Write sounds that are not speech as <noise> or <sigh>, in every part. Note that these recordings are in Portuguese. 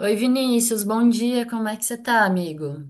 Oi, Vinícius, bom dia, como é que você tá, amigo?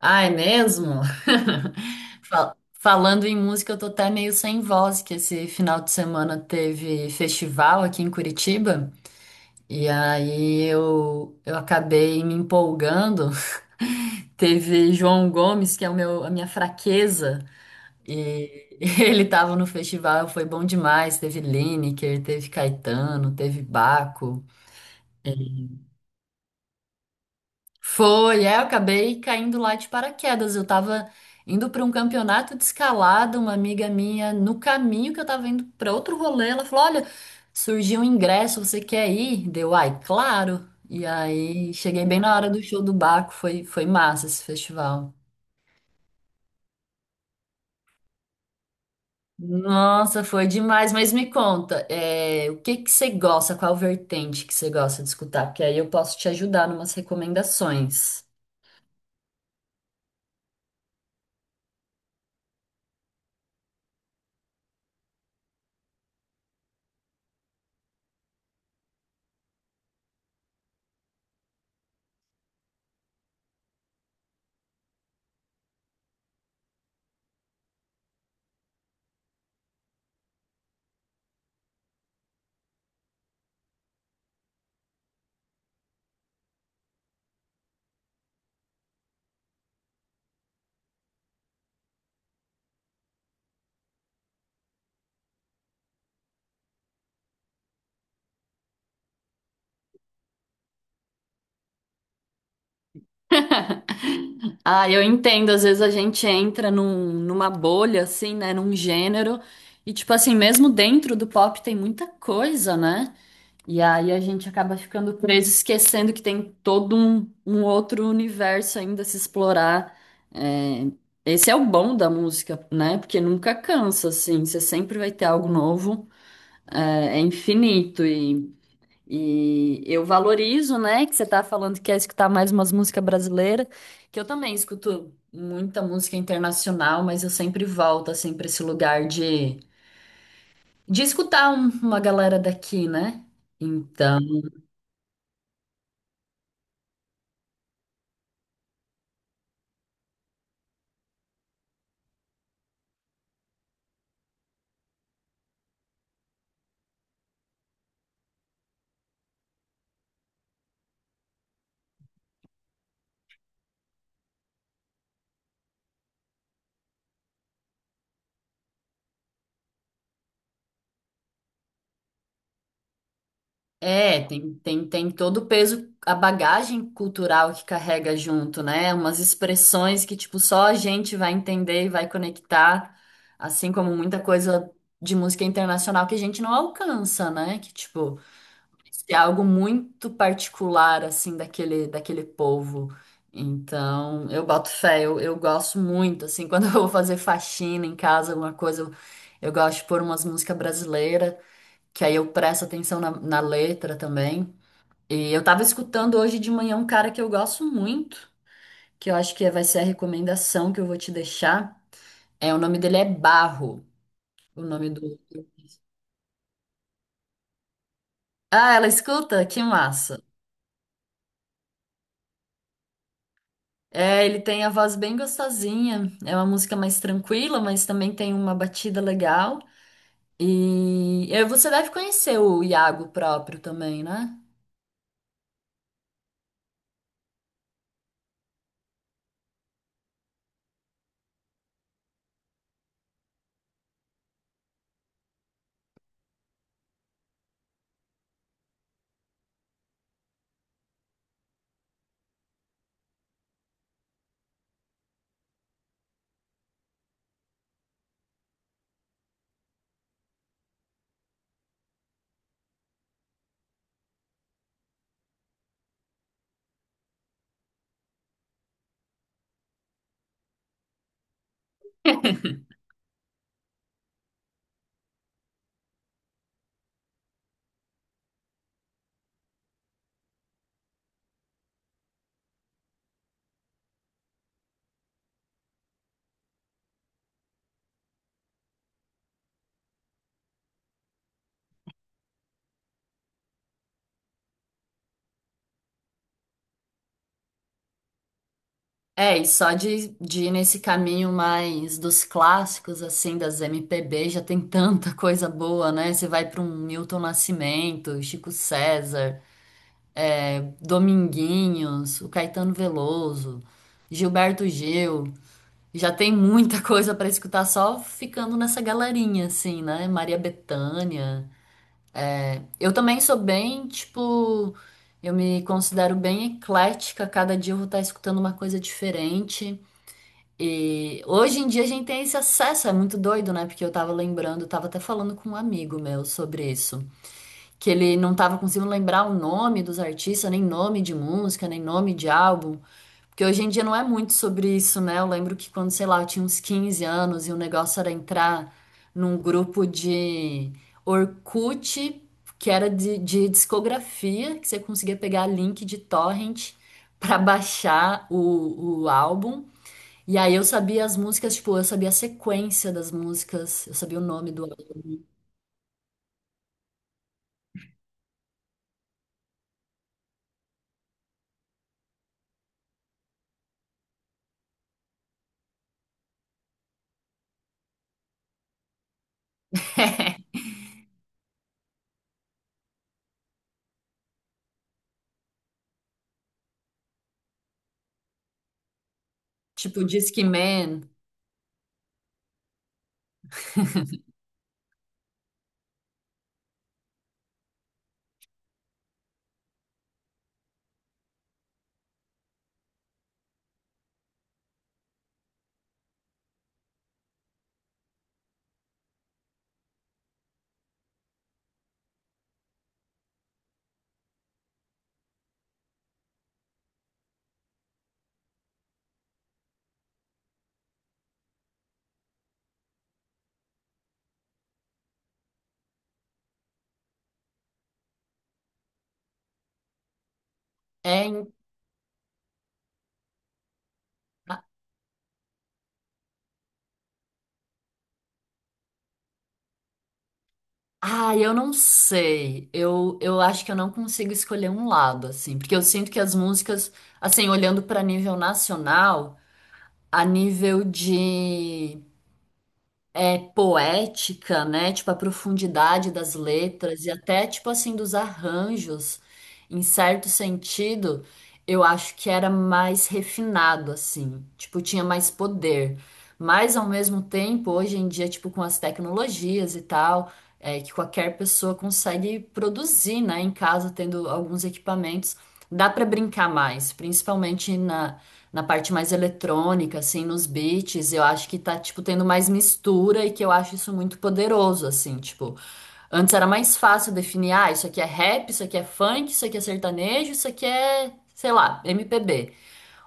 Ah, é mesmo? <laughs> Falando em música, eu tô até meio sem voz, que esse final de semana teve festival aqui em Curitiba, e aí eu acabei me empolgando. <laughs> Teve João Gomes, que é a minha fraqueza, e <laughs> ele tava no festival, foi bom demais. Teve Lineker, teve Caetano, teve Baco. Foi, é, eu acabei caindo lá de paraquedas. Eu tava indo para um campeonato de escalada, uma amiga minha, no caminho que eu tava indo para outro rolê, ela falou: Olha, surgiu um ingresso, você quer ir? Deu, ai, claro. E aí cheguei bem na hora do show do Baco, foi, foi massa esse festival. Nossa, foi demais, mas me conta, é, o que que você gosta, qual vertente que você gosta de escutar? Porque aí eu posso te ajudar numas recomendações. Ah, eu entendo. Às vezes a gente entra numa bolha, assim, né? Num gênero. E, tipo assim, mesmo dentro do pop tem muita coisa, né? E aí a gente acaba ficando preso, esquecendo que tem um outro universo ainda a se explorar. É, esse é o bom da música, né? Porque nunca cansa, assim. Você sempre vai ter algo novo. É, é infinito. E eu valorizo, né, que você tá falando que quer escutar mais umas músicas brasileiras, que eu também escuto muita música internacional, mas eu sempre volto, assim, pra esse lugar de escutar uma galera daqui, né? Então, é, tem todo o peso, a bagagem cultural que carrega junto, né? Umas expressões que, tipo, só a gente vai entender e vai conectar, assim como muita coisa de música internacional que a gente não alcança, né? Que, tipo. Se é algo muito particular, assim, daquele povo. Então, eu boto fé, eu gosto muito, assim, <laughs> quando eu vou fazer faxina em casa, alguma coisa, eu gosto de pôr umas músicas brasileiras, que aí eu presto atenção na, na letra também. E eu tava escutando hoje de manhã um cara que eu gosto muito, que eu acho que vai ser a recomendação que eu vou te deixar. É, o nome dele é Barro, o nome do... Ah, ela escuta? Que massa! É, ele tem a voz bem gostosinha. É uma música mais tranquila, mas também tem uma batida legal. E você deve conhecer o Iago próprio também, né? <laughs> É, e só de ir nesse caminho mais dos clássicos, assim, das MPB, já tem tanta coisa boa, né? Você vai para um Milton Nascimento, Chico César, é, Dominguinhos, o Caetano Veloso, Gilberto Gil. Já tem muita <laughs> coisa pra escutar só ficando nessa galerinha, assim, né? Maria Bethânia. Eu também sou bem, tipo, eu me considero bem eclética. Cada dia eu vou estar escutando uma coisa diferente. E hoje em dia a gente tem esse acesso, é muito doido, né? Porque eu tava lembrando, eu tava até falando com um amigo meu sobre isso, que ele não tava conseguindo lembrar o nome dos artistas, nem nome de música, nem nome de álbum. Porque hoje em dia não é muito sobre isso, né? Eu lembro que quando, sei lá, eu tinha uns 15 anos e o negócio era entrar num grupo de Orkut, que era de discografia, que você conseguia pegar link de torrent pra baixar o álbum. E aí eu sabia as músicas, tipo, eu sabia a sequência das músicas, eu sabia o nome do álbum. <laughs> Tipo, Discman. É, Ah, eu não sei. Eu acho que eu não consigo escolher um lado, assim, porque eu sinto que as músicas, assim, olhando para nível nacional, a nível de é, poética, né? Tipo, a profundidade das letras e até, tipo assim, dos arranjos, em certo sentido, eu acho que era mais refinado, assim. Tipo, tinha mais poder. Mas, ao mesmo tempo, hoje em dia, tipo, com as tecnologias e tal, é que qualquer pessoa consegue produzir, né? Em casa, tendo alguns equipamentos, dá para brincar mais, principalmente na parte mais eletrônica, assim, nos beats, eu acho que tá, tipo, tendo mais mistura e que eu acho isso muito poderoso, assim, tipo, antes era mais fácil definir, ah, isso aqui é rap, isso aqui é funk, isso aqui é sertanejo, isso aqui é, sei lá, MPB.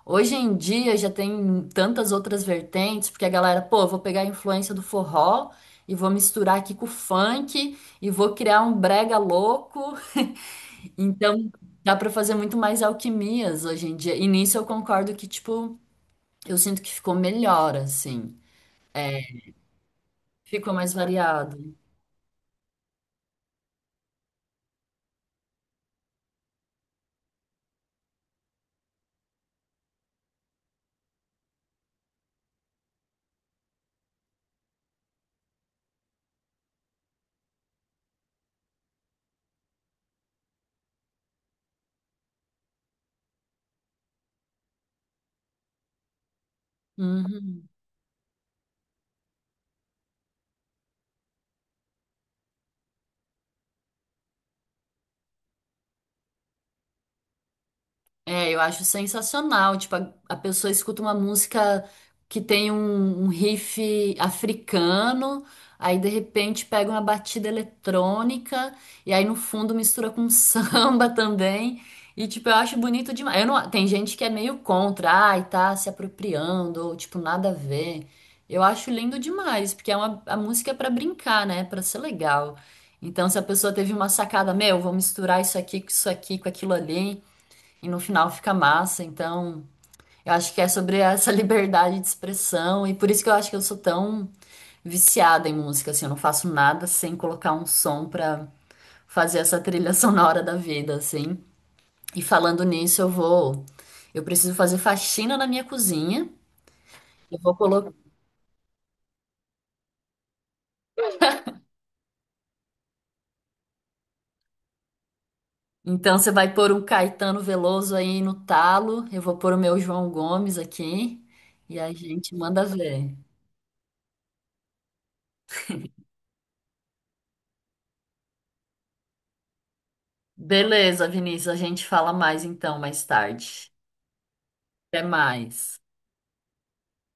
Hoje em dia já tem tantas outras vertentes, porque a galera, pô, eu vou pegar a influência do forró e vou misturar aqui com o funk e vou criar um brega louco. Então, dá pra fazer muito mais alquimias hoje em dia. E nisso eu concordo que, tipo, eu sinto que ficou melhor, assim. Ficou mais variado. Uhum. É, eu acho sensacional. Tipo, a pessoa escuta uma música que tem um riff africano, aí de repente pega uma batida eletrônica, e aí no fundo mistura com <laughs> samba também. E, tipo, eu acho bonito demais. Eu não, tem gente que é meio contra, ai, tá se apropriando, ou tipo, nada a ver. Eu acho lindo demais, porque é uma, a música é pra brincar, né? Pra ser legal. Então, se a pessoa teve uma sacada, meu, vou misturar isso aqui, com aquilo ali e no final fica massa. Então, eu acho que é sobre essa <laughs> liberdade de expressão e por isso que eu acho que eu sou tão viciada em música, assim, eu não faço nada sem colocar um som pra fazer essa trilha <laughs> sonora da vida, assim. E falando nisso, eu vou, eu preciso fazer faxina na minha cozinha. Eu vou colocar. Então você vai pôr um Caetano Veloso aí no talo, eu vou pôr o meu João Gomes aqui e a gente manda ver. Beleza, Vinícius, a gente fala mais então mais tarde. Até mais.